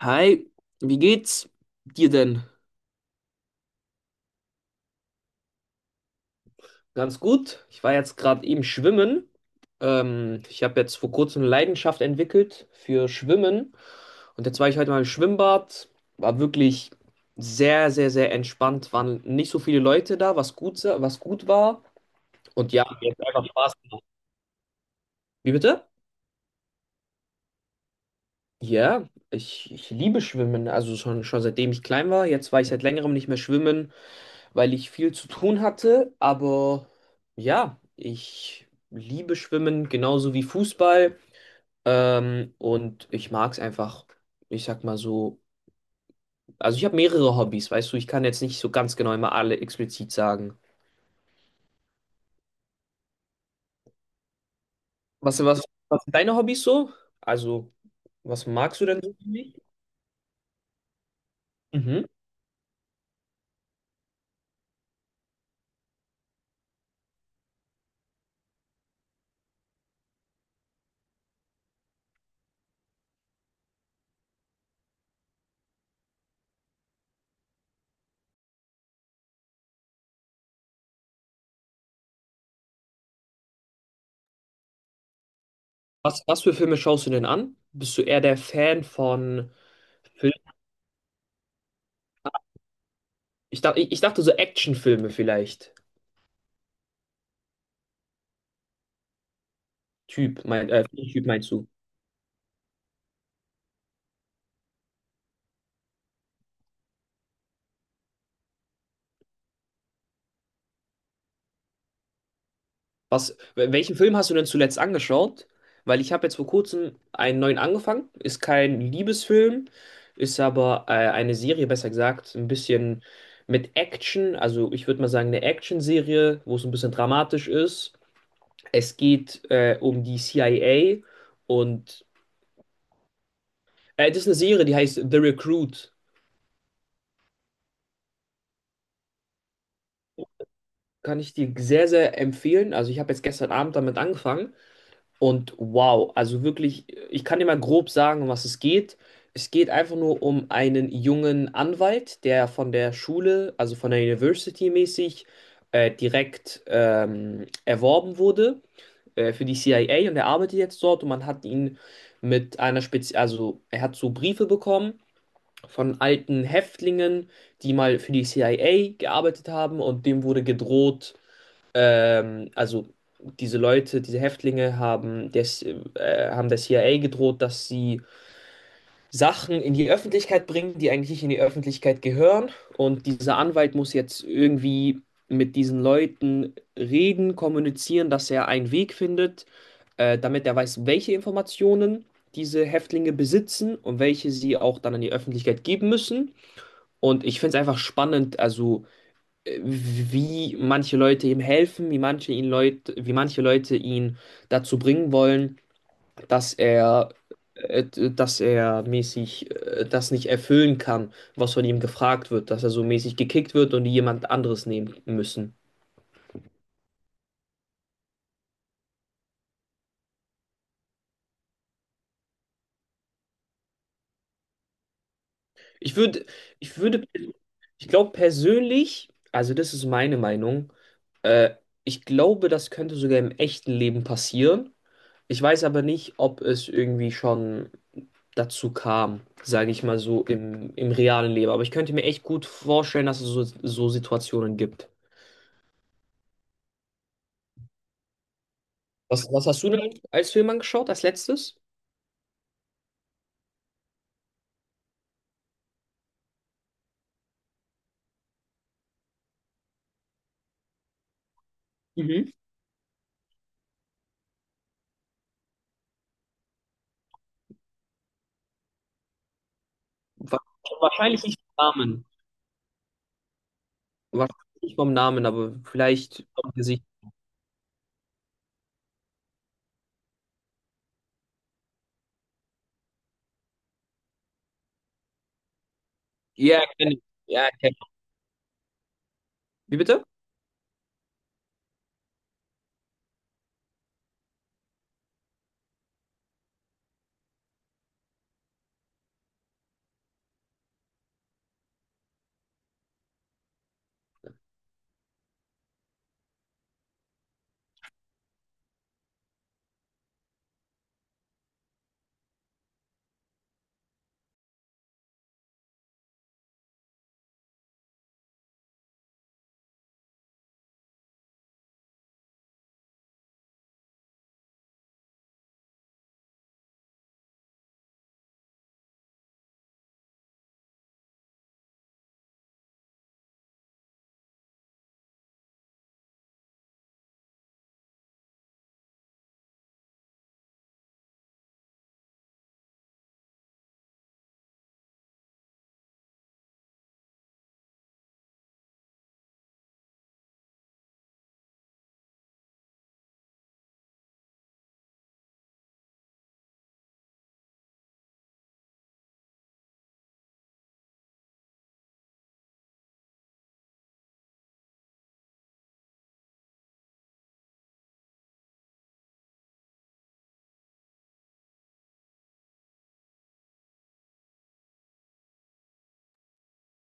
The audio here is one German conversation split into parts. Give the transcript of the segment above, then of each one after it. Hi, wie geht's dir denn? Ganz gut. Ich war jetzt gerade eben schwimmen. Ich habe jetzt vor kurzem eine Leidenschaft entwickelt für Schwimmen. Und jetzt war ich heute mal im Schwimmbad. War wirklich sehr, sehr, sehr entspannt. Waren nicht so viele Leute da, was gut, was gut war. Und ja, mir hat einfach Spaß gemacht. Wie bitte? Ja, ich liebe Schwimmen. Also schon seitdem ich klein war. Jetzt war ich seit längerem nicht mehr schwimmen, weil ich viel zu tun hatte. Aber ja, ich liebe Schwimmen genauso wie Fußball. Und ich mag es einfach, ich sag mal so. Also ich habe mehrere Hobbys, weißt du, ich kann jetzt nicht so ganz genau immer alle explizit sagen. Was, was, was sind deine Hobbys so? Also, was magst du denn so nicht? Mhm. Was für Filme schaust du denn an? Bist du eher der Fan von Filmen? Ich dachte so Actionfilme vielleicht. Typ, mein, äh, Typ meinst du? Was, welchen Film hast du denn zuletzt angeschaut? Weil ich habe jetzt vor kurzem einen neuen angefangen. Ist kein Liebesfilm, ist aber eine Serie, besser gesagt, ein bisschen mit Action. Also ich würde mal sagen, eine Action-Serie, wo es ein bisschen dramatisch ist. Es geht um die CIA und das ist eine Serie, die heißt The Recruit. Kann ich dir sehr, sehr empfehlen. Also ich habe jetzt gestern Abend damit angefangen. Und wow, also wirklich, ich kann dir mal grob sagen, um was es geht. Es geht einfach nur um einen jungen Anwalt, der von der Schule, also von der University mäßig, direkt erworben wurde für die CIA, und er arbeitet jetzt dort und man hat ihn mit einer Spezi, also er hat so Briefe bekommen von alten Häftlingen, die mal für die CIA gearbeitet haben, und dem wurde gedroht. Also diese Leute, diese Häftlinge haben haben der CIA gedroht, dass sie Sachen in die Öffentlichkeit bringen, die eigentlich nicht in die Öffentlichkeit gehören. Und dieser Anwalt muss jetzt irgendwie mit diesen Leuten reden, kommunizieren, dass er einen Weg findet, damit er weiß, welche Informationen diese Häftlinge besitzen und welche sie auch dann an die Öffentlichkeit geben müssen. Und ich finde es einfach spannend, also wie manche Leute ihm helfen, wie manche Leute ihn dazu bringen wollen, dass er, äh, dass er mäßig das nicht erfüllen kann, was von ihm gefragt wird, dass er so mäßig gekickt wird und die jemand anderes nehmen müssen. Ich würde, ich würde, ich glaube persönlich, also das ist meine Meinung, äh, ich glaube, das könnte sogar im echten Leben passieren. Ich weiß aber nicht, ob es irgendwie schon dazu kam, sage ich mal so, im realen Leben. Aber ich könnte mir echt gut vorstellen, dass es so, so Situationen gibt. Was hast du denn als Film angeschaut, als letztes? Mhm. Wa- Wahrscheinlich nicht vom Namen. Wahrscheinlich nicht vom Namen, aber vielleicht vom Gesicht. Ja, kenne ich. Ja, kenn ich. Wie bitte?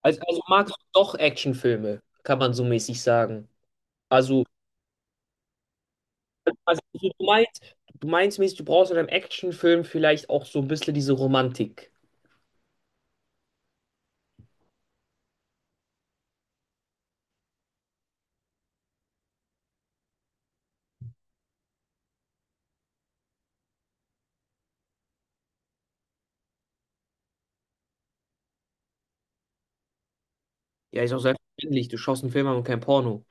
Also magst du doch Actionfilme, kann man so mäßig sagen. Also, also du meinst, du meinst mäßig, du brauchst in einem Actionfilm vielleicht auch so ein bisschen diese Romantik. Ja, ist auch selbstverständlich. Du schaust einen Film an und kein Porno.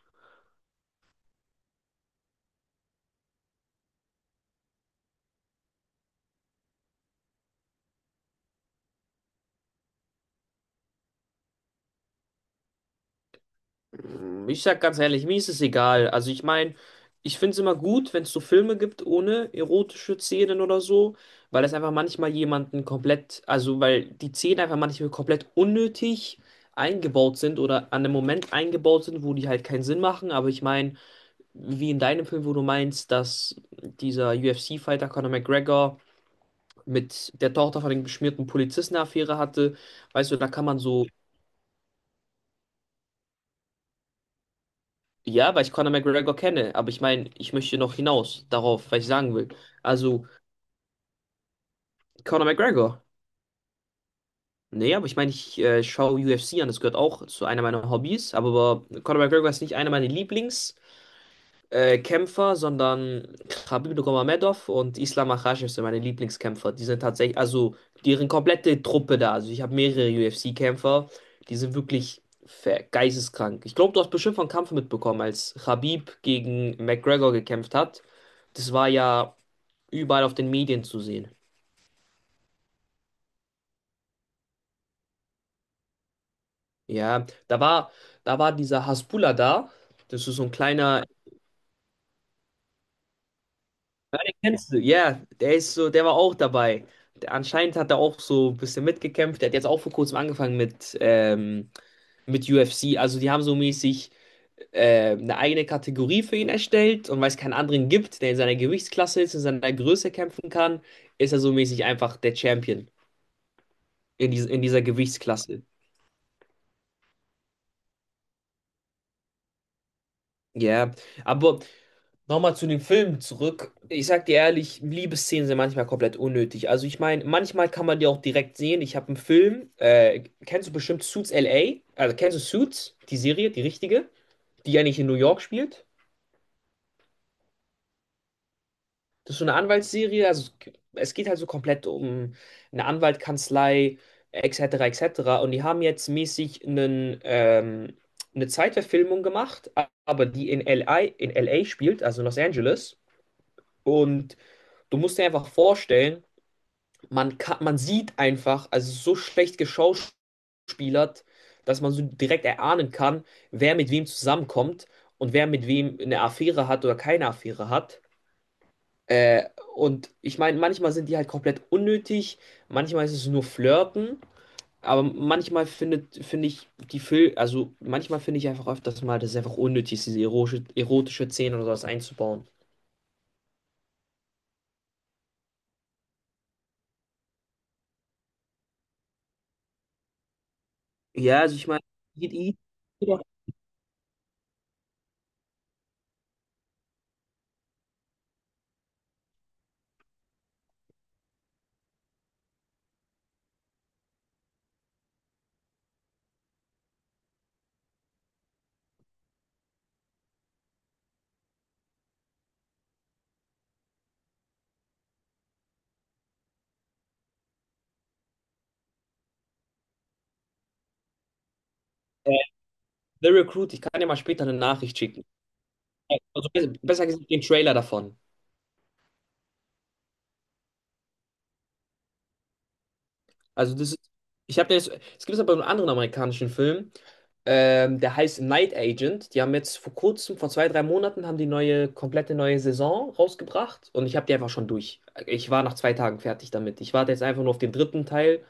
Ich sag ganz ehrlich, mir ist es egal. Also ich meine, ich finde es immer gut, wenn es so Filme gibt ohne erotische Szenen oder so, weil es einfach manchmal jemanden komplett, also weil die Szenen einfach manchmal komplett unnötig eingebaut sind oder an einem Moment eingebaut sind, wo die halt keinen Sinn machen. Aber ich meine, wie in deinem Film, wo du meinst, dass dieser UFC-Fighter Conor McGregor mit der Tochter von dem beschmierten Polizisten eine Affäre hatte, weißt du, da kann man so. Ja, weil ich Conor McGregor kenne, aber ich meine, ich möchte noch hinaus darauf, was ich sagen will. Also, Conor McGregor. Nee, aber ich meine, ich schaue UFC an, das gehört auch zu einer meiner Hobbys, aber Conor McGregor ist nicht einer meiner Lieblingskämpfer, sondern Khabib Nurmagomedov und Islam Makhachev sind meine Lieblingskämpfer. Die sind tatsächlich, also deren komplette Truppe da. Also ich habe mehrere UFC-Kämpfer, die sind wirklich geisteskrank. Ich glaube, du hast bestimmt von Kampf mitbekommen, als Khabib gegen McGregor gekämpft hat. Das war ja überall auf den Medien zu sehen. Ja, da war, da war dieser Hasbulla da. Das ist so ein kleiner, den kennst du, ja, der ist so, der war auch dabei. Der, anscheinend hat er auch so ein bisschen mitgekämpft. Der hat jetzt auch vor kurzem angefangen mit UFC. Also die haben so mäßig eine eigene Kategorie für ihn erstellt, und weil es keinen anderen gibt, der in seiner Gewichtsklasse ist, in seiner Größe kämpfen kann, ist er so mäßig einfach der Champion in dieser Gewichtsklasse. Ja, aber nochmal zu dem Film zurück. Ich sag dir ehrlich, Liebesszenen sind manchmal komplett unnötig. Also ich meine, manchmal kann man die auch direkt sehen. Ich habe einen Film, kennst du bestimmt Suits LA? Also kennst du Suits, die Serie, die richtige, die eigentlich in New York spielt? Das ist so eine Anwaltsserie. Also es geht halt so komplett um eine Anwaltkanzlei, etc., etc. Und die haben jetzt mäßig eine Zeitverfilmung gemacht, aber die in in LA spielt, also Los Angeles. Und du musst dir einfach vorstellen, man sieht einfach, also so schlecht geschauspielert, dass man so direkt erahnen kann, wer mit wem zusammenkommt und wer mit wem eine Affäre hat oder keine Affäre hat. Äh, und ich meine, manchmal sind die halt komplett unnötig, manchmal ist es nur Flirten, aber finde ich, also manchmal finde ich einfach öfters mal, dass es einfach unnötig ist, erotische Szenen oder sowas einzubauen. Ja, also ich meine, geht eh- äh, The Recruit, ich kann dir mal später eine Nachricht schicken. Also besser gesagt den Trailer davon. Also das ist, ich habe jetzt, es gibt aber einen anderen amerikanischen Film, der heißt Night Agent. Die haben jetzt vor kurzem, vor zwei, drei Monaten, haben die neue, komplette neue Saison rausgebracht und ich habe die einfach schon durch. Ich war nach zwei Tagen fertig damit. Ich warte jetzt einfach nur auf den dritten Teil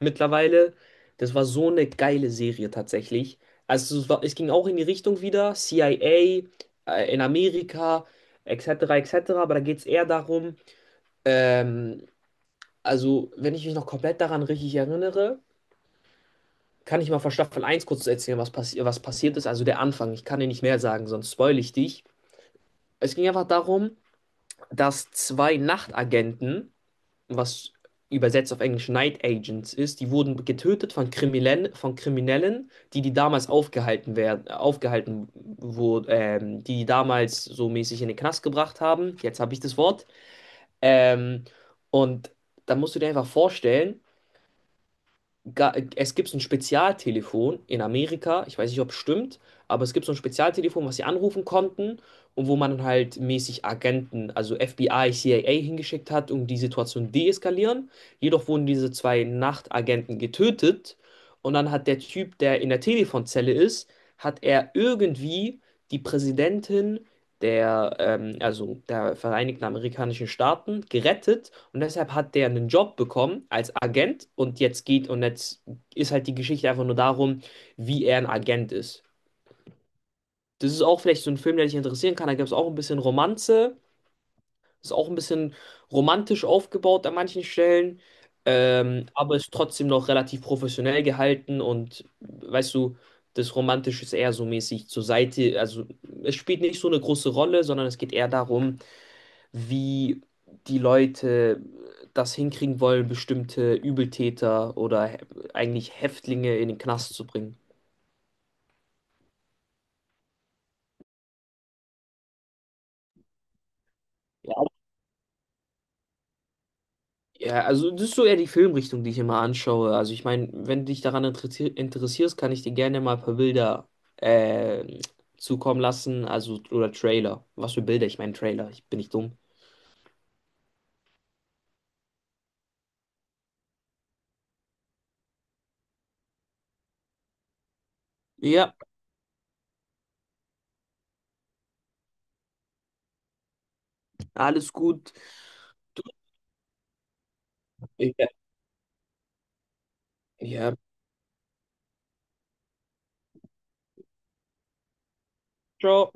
mittlerweile. Das war so eine geile Serie tatsächlich. Es ging auch in die Richtung wieder, CIA, in Amerika, etc., etc., aber da geht es eher darum. ähm, Also, wenn ich mich noch komplett daran richtig erinnere, kann ich mal von Staffel eins kurz erzählen, was passiert ist. Also der Anfang. Ich kann dir nicht mehr sagen, sonst spoil ich dich. Es ging einfach darum, dass zwei Nachtagenten, was übersetzt auf Englisch Night Agents ist, die wurden getötet von Kriminellen, die die damals aufgehalten werden, aufgehalten wurden, die die damals so mäßig in den Knast gebracht haben. Jetzt habe ich das Wort. Ähm, und da musst du dir einfach vorstellen, es gibt so ein Spezialtelefon in Amerika, ich weiß nicht, ob es stimmt, aber es gibt so ein Spezialtelefon, was sie anrufen konnten und wo man halt mäßig Agenten, also FBI, CIA hingeschickt hat, um die Situation deeskalieren. Jedoch wurden diese zwei Nachtagenten getötet und dann hat der Typ, der in der Telefonzelle ist, hat er irgendwie die Präsidentin der, also der Vereinigten Amerikanischen Staaten gerettet, und deshalb hat der einen Job bekommen als Agent, und jetzt ist halt die Geschichte einfach nur darum, wie er ein Agent ist. Das ist auch vielleicht so ein Film, der dich interessieren kann. Da gibt es auch ein bisschen Romanze, ist auch ein bisschen romantisch aufgebaut an manchen Stellen, aber ist trotzdem noch relativ professionell gehalten, und weißt du, das Romantische ist eher so mäßig zur Seite. Also es spielt nicht so eine große Rolle, sondern es geht eher darum, wie die Leute das hinkriegen wollen, bestimmte Übeltäter oder eigentlich Häftlinge in den Knast zu bringen. Ja, ja, also das ist so eher die Filmrichtung, die ich immer anschaue. Also ich meine, wenn du dich daran interessierst, kann ich dir gerne mal ein paar Bilder äh, zukommen lassen, also oder Trailer. Was für Bilder? Ich meine Trailer, ich bin nicht dumm. Ja, alles gut. Ja, ja. Ciao.